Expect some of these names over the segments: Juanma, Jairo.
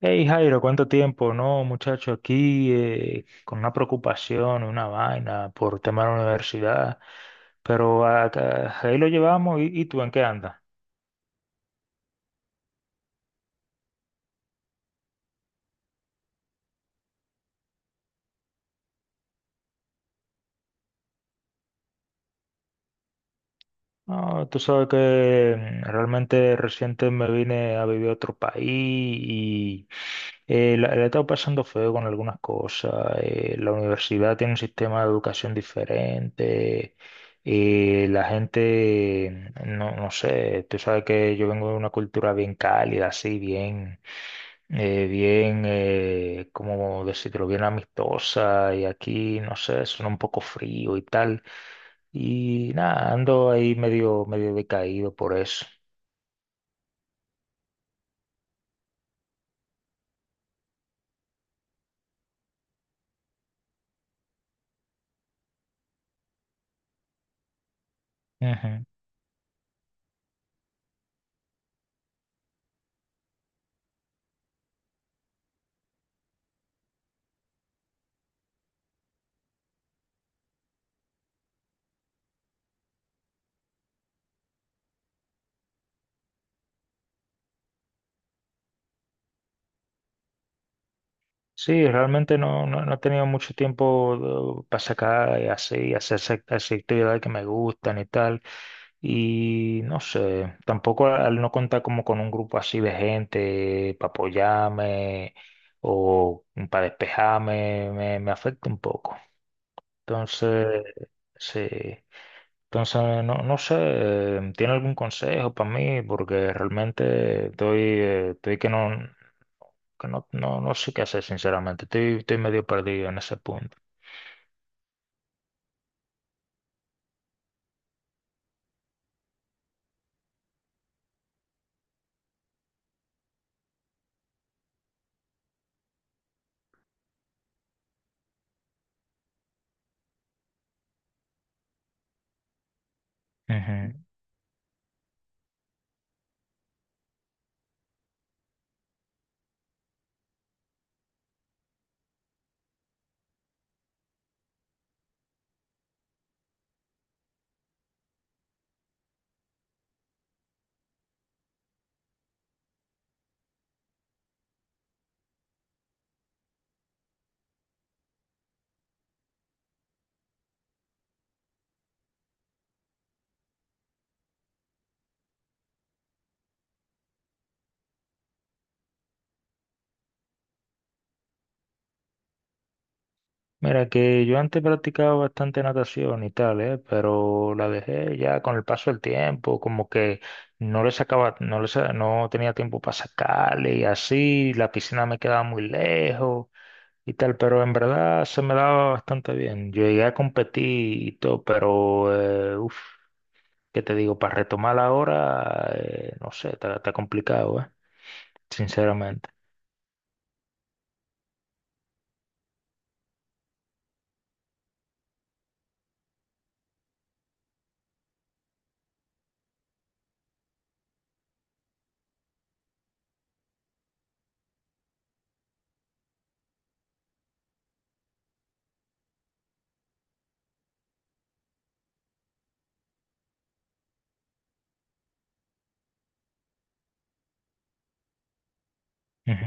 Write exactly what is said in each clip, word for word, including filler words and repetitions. Hey Jairo, ¿cuánto tiempo? No, muchacho, aquí eh, con una preocupación, una vaina por tema de la universidad, pero acá- ahí lo llevamos y, y tú, ¿en qué andas? No, tú sabes que realmente reciente me vine a vivir a otro país y eh, la, la he estado pasando feo con algunas cosas. Eh, la universidad tiene un sistema de educación diferente. Eh, la gente, no, no sé, tú sabes que yo vengo de una cultura bien cálida, así, bien, eh, bien, eh, ¿cómo decirlo? Bien amistosa y aquí, no sé, suena un poco frío y tal. Y nada, ando ahí medio, medio decaído por eso. Ujú. Sí, realmente no, no, no he tenido mucho tiempo eh, para sacar y así, hacer esa- esas actividades que me gustan y tal. Y no sé, tampoco al al no contar como con un grupo así de gente para apoyarme o para despejarme, me, me afecta un poco. Entonces, sí. Entonces, no, no sé, eh, ¿tiene algún consejo para mí? Porque realmente estoy, eh, estoy que no, que no, no, no sé qué hacer, sinceramente. Estoy, estoy medio perdido en ese punto. Ujú. Mira, que yo antes practicaba bastante natación y tal, ¿eh? Pero la dejé ya con el paso del tiempo, como que no le sacaba, no le sa- no tenía tiempo para sacarle y así, la piscina me quedaba muy lejos. Y tal, pero en verdad se me daba bastante bien. Yo llegué a competir y todo, pero, eh, uff, ¿qué te digo? Para retomar ahora, eh, no sé, está, está complicado, ¿eh? Sinceramente. Ujú,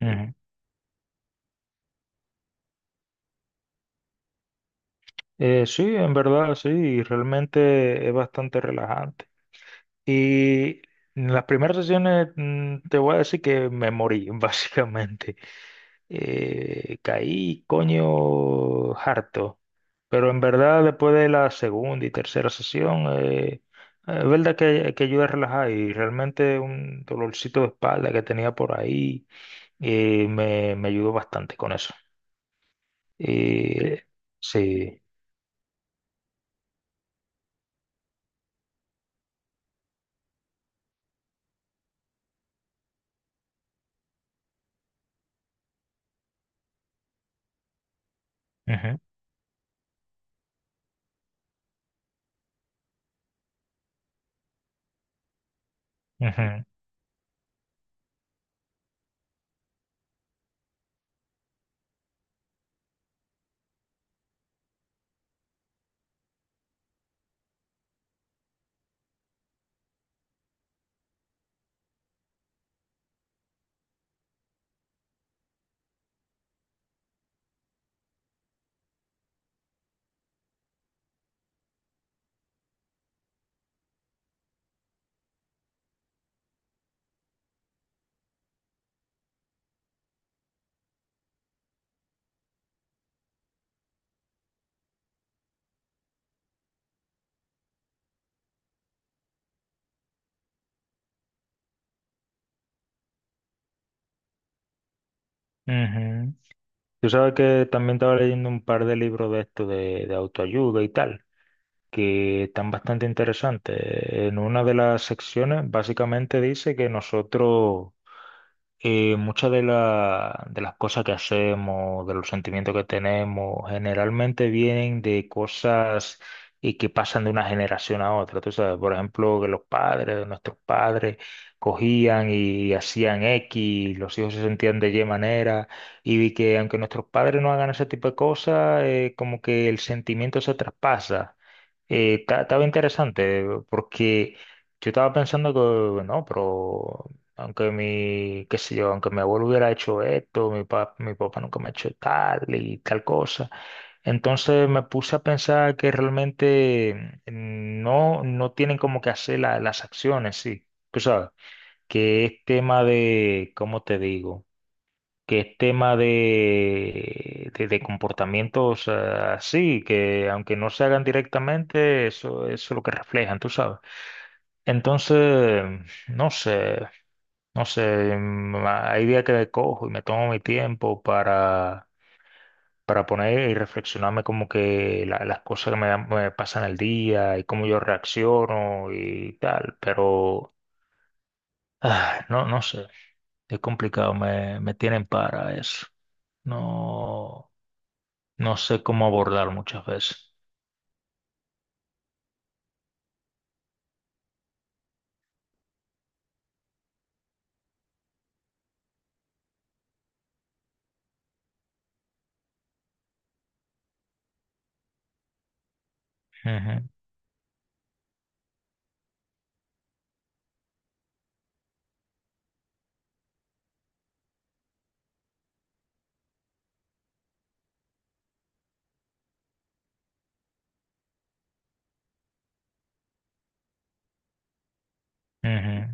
ujú. Eh, sí, en verdad, sí, y realmente es bastante relajante. Y en las primeras sesiones mm, te voy a decir que me morí, básicamente. Eh, caí coño harto. Pero en verdad, después de la segunda y tercera sesión, eh, eh, es verdad que, que ayuda a relajar y realmente un dolorcito de espalda que tenía por ahí eh, me, me ayudó bastante con eso. Eh, sí. Ujú, ujú, ujú. Tú sabes que también estaba leyendo un par de libros de esto de, de autoayuda y tal. Que están bastante interesantes. En una de las secciones básicamente dice que nosotros y muchas de, la- de las cosas que hacemos, de los sentimientos que tenemos, generalmente vienen de cosas y que pasan de una generación a otra. Tú sabes, por ejemplo, que los padres, de nuestros padres, cogían y hacían X, y los hijos se sentían de Y manera, y vi que aunque nuestros padres no hagan ese tipo de cosas, eh, como que el sentimiento se traspasa. Eh, ta- estaba interesante porque... Yo estaba pensando que, no, pero aunque mi, qué sé yo, aunque mi abuelo hubiera hecho esto, mi papá, mi papá nunca me ha hecho tal y tal cosa. Entonces me puse a pensar que realmente mm, no, no tienen como que hacer la- las acciones, sí. Tú sabes, que es tema de, ¿cómo te digo? Que es tema de, de, de comportamientos eh, así, que aunque no se hagan directamente, eso, eso es lo que reflejan, tú sabes. Entonces, no sé. No sé, mm, hay días que cojo y me tomo mi tiempo para, para poner y reflexionarme como que la- las cosas que me, dan- me pasan el día y cómo yo reacciono y tal, pero ah, no, no sé, es complicado, me, me tienen para eso. No, no sé cómo abordar muchas veces. Ujú, ujú,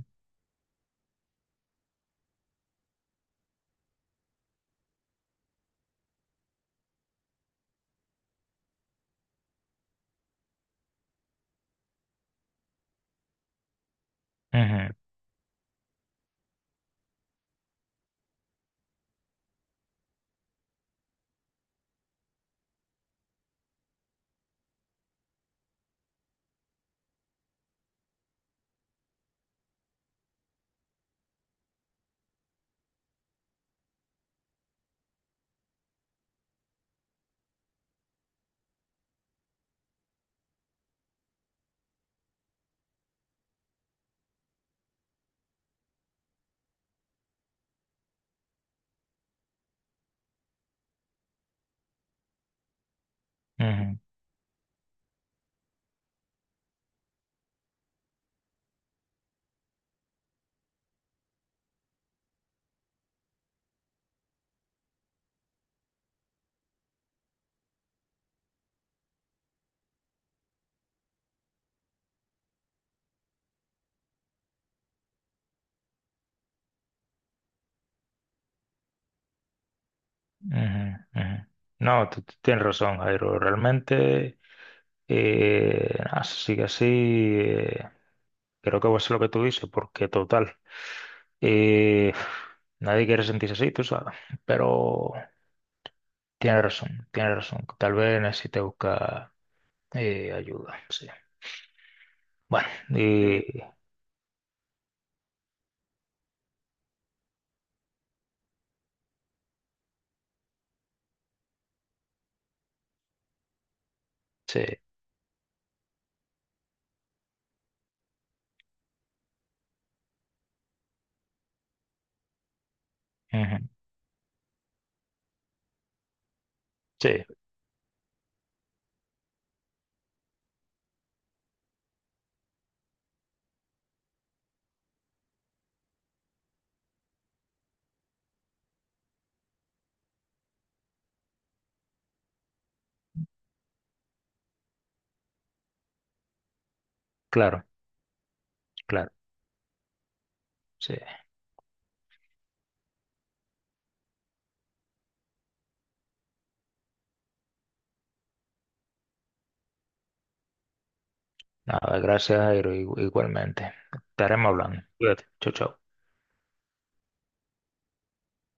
ujú, ujú, ujú, ujú. No, tú tú tienes razón, Jairo, realmente... Eh, así que sí, eh, creo que va a ser lo que tú dices, porque total, eh, nadie quiere sentirse así, tú sabes, pero tiene razón, tiene razón, tal vez necesite buscar eh, ayuda, sí. Bueno, sí. Y sí, ujú, sí, claro, claro, sí. Nada, gracias, Jairo, igu- igualmente. Estaremos hablando. Cuídate, chao, chao.